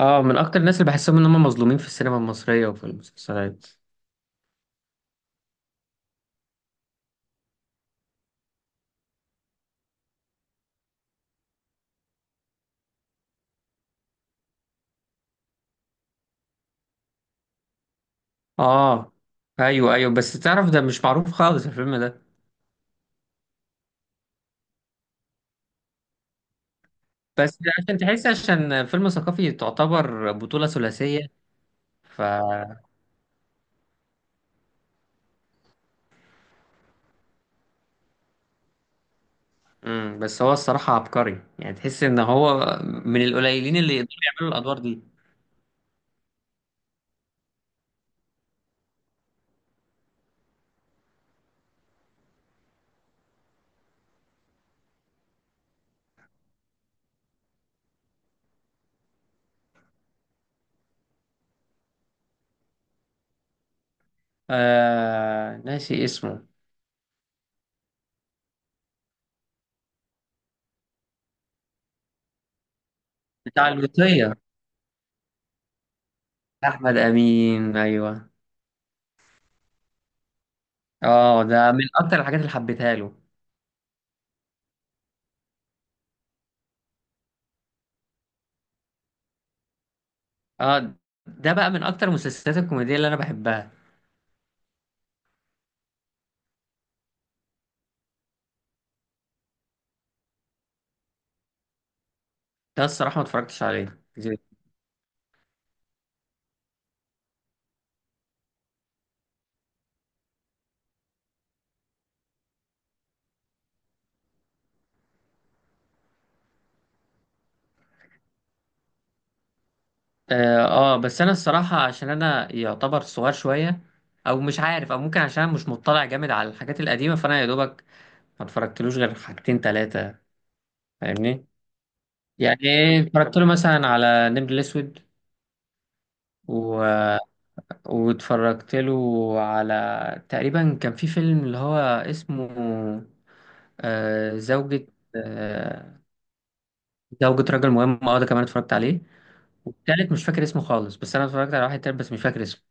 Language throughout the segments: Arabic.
اه، من اكتر الناس اللي بحسهم ان هم مظلومين في السينما المصرية وفي المسلسلات. اه، ايوه ايوه، بس تعرف ده مش معروف خالص الفيلم ده. بس عشان تحس، عشان فيلم ثقافي تعتبر بطولة ثلاثية. ف مم. بس هو الصراحة عبقري، يعني تحس ان هو من القليلين اللي يقدروا يعملوا الادوار دي. ناسي اسمه. بتاع الوصية. احمد امين، ايوه. اه، ده من اكتر الحاجات اللي حبيتها له. اه، ده بقى من اكتر المسلسلات الكوميدية اللي انا بحبها. ده الصراحة ما اتفرجتش عليه اه. بس انا الصراحة عشان انا يعتبر صغير شوية، او مش عارف، او ممكن عشان أنا مش مطلع جامد على الحاجات القديمة، فانا يا دوبك ما اتفرجتلوش غير حاجتين تلاتة. فاهمني؟ يعني إيه، اتفرجت له مثلا على نمر الاسود و... واتفرجت له على تقريبا كان في فيلم اللي هو اسمه زوجة، آه... زوجة رجل مهم. اه، ده كمان اتفرجت عليه. والتالت مش فاكر اسمه خالص، بس انا اتفرجت على واحد تالت بس مش فاكر اسمه.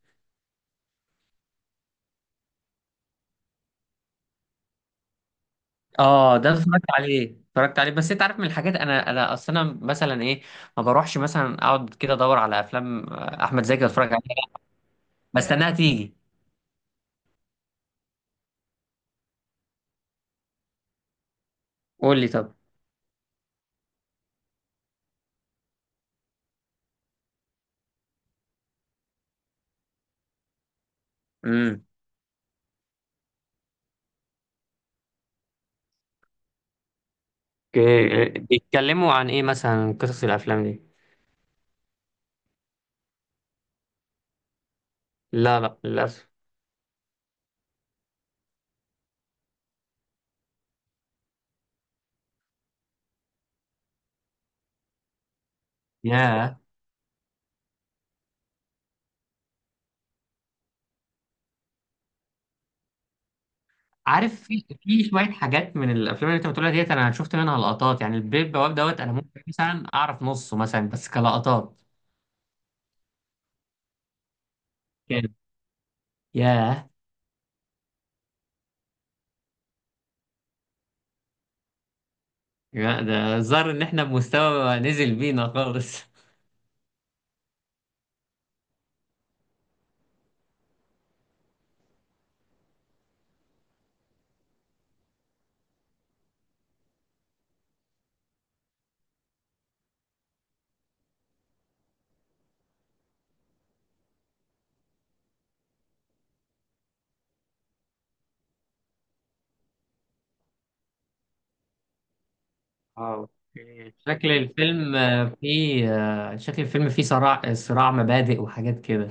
اه، ده اتفرجت عليه اتفرجت عليه، بس انت عارف من الحاجات انا اصل انا مثلا ايه، ما بروحش مثلا اقعد كده ادور على افلام احمد زكي اتفرج عليها، بستناها تيجي. قول لي طب. امم. اوكي، بيتكلموا عن ايه مثلا قصص الافلام دي؟ لا لا، للاسف. ياه. عارف، في شويه حاجات من الافلام اللي انت بتقولها ديت انا شفت منها لقطات، يعني البيب بواب دوت انا ممكن مثلا اعرف نصه مثلا بس كلقطات. كان ياه. يا ده، الظاهر ان احنا بمستوى نزل بينا خالص. اه، اوكي. شكل الفيلم فيه صراع، صراع مبادئ وحاجات كده.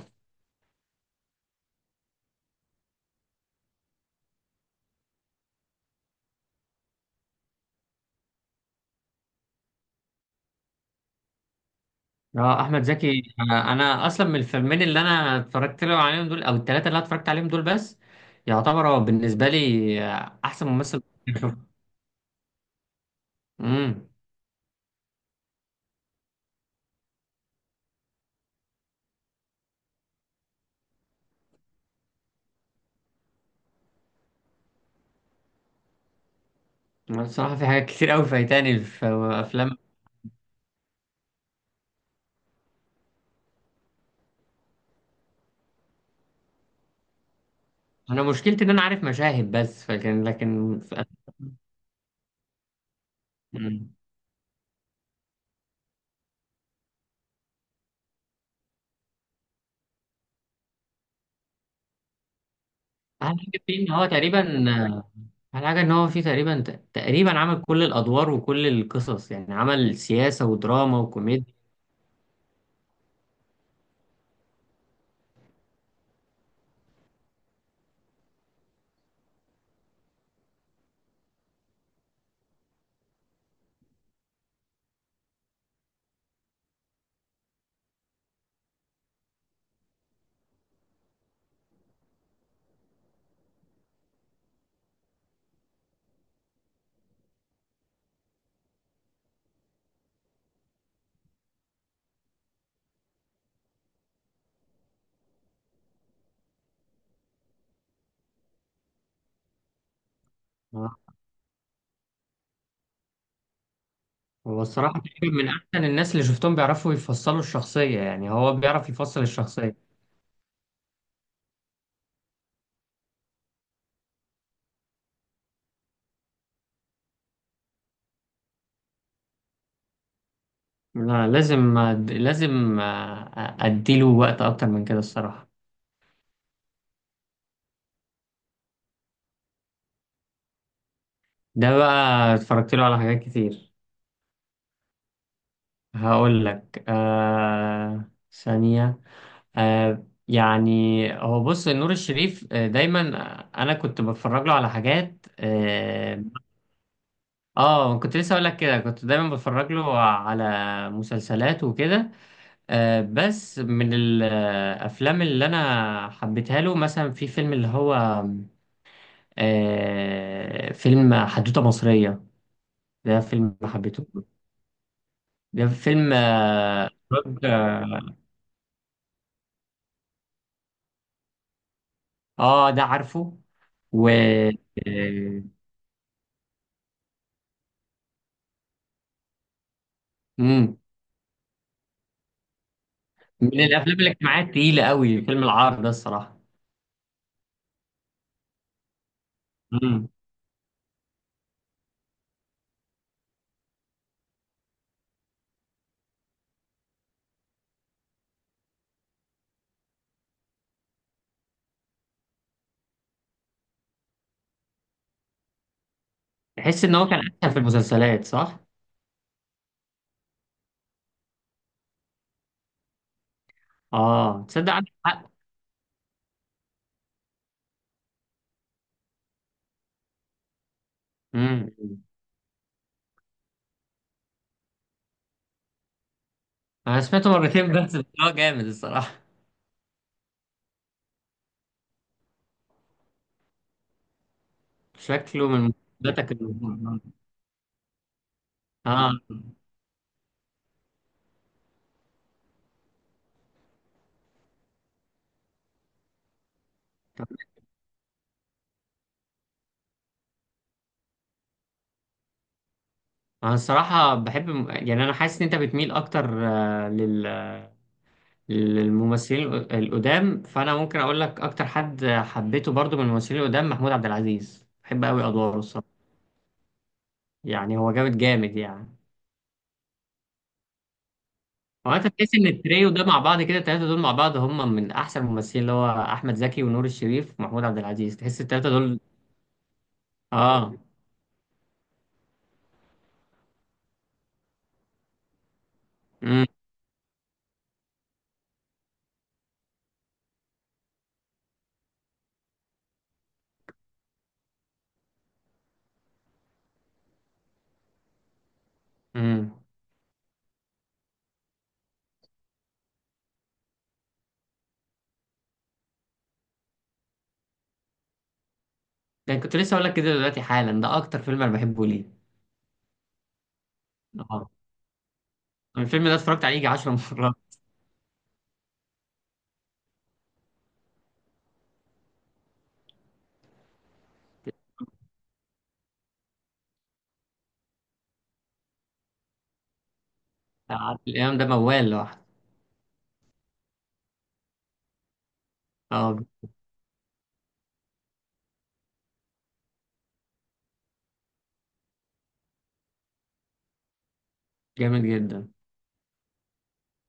اه، احمد زكي، انا اصلا من الفيلمين اللي انا اتفرجت له عليهم دول، او الثلاثه اللي انا اتفرجت عليهم دول بس، يعتبر هو بالنسبه لي احسن ممثل. امم. الصراحه في حاجات كتير قوي فايتاني في افلام. انا مشكلتي ان انا عارف مشاهد بس، فكان لكن في... اهم حاجه فيه ان هو تقريبا آه، اهم حاجه ان هو فيه تقريبا، تقريبا عمل كل الادوار وكل القصص، يعني عمل سياسه ودراما وكوميديا. آه، هو الصراحه تقريبا من احسن الناس اللي شفتهم بيعرفوا يفصلوا الشخصيه، يعني هو بيعرف يفصل الشخصيه. لا لازم، لازم اديله وقت اكتر من كده الصراحه. ده بقى اتفرجت له على حاجات كتير. هقول لك. ثانيه. يعني، هو بص نور الشريف، دايما انا كنت بتفرج له على حاجات. اه، كنت لسه اقول لك كده، كنت دايما بتفرج له على مسلسلات وكده. بس من الافلام اللي انا حبيتها له مثلا في فيلم اللي هو فيلم حدوتة مصرية. ده فيلم حبيته. ده فيلم، اه. ده عارفه. و آه، مم. من الافلام الاجتماعيه التقيله قوي فيلم العار ده الصراحه. امم. تحس ان هو كان احسن في المسلسلات، صح؟ اه، تصدق عندك حق. امم. انا سمعته مرتين بس، بس هو جامد الصراحه. شكله من مسلسلاتك المفضلة. اه، انا الصراحه بحب، يعني انا حاسس ان انت بتميل اكتر للممثلين القدام، فانا ممكن اقول لك اكتر حد حبيته برضو من الممثلين القدام محمود عبد العزيز، بحب قوي ادواره الصراحه. يعني هو جامد جامد يعني. هو انت تحس ان التريو ده مع بعض كده، التلاتة دول مع بعض هم من احسن الممثلين، اللي هو احمد زكي ونور الشريف ومحمود عبد العزيز، تحس التلاتة دول؟ اه. امم. امم. ده كنت لسه اقول لك كده دلوقتي حالا، ده اكتر فيلم انا بحبه ليه. اه، الفيلم ده اتفرجت عليه يجي 10 مرات. عادل امام ده موال لوحده. اه، جامد جدا.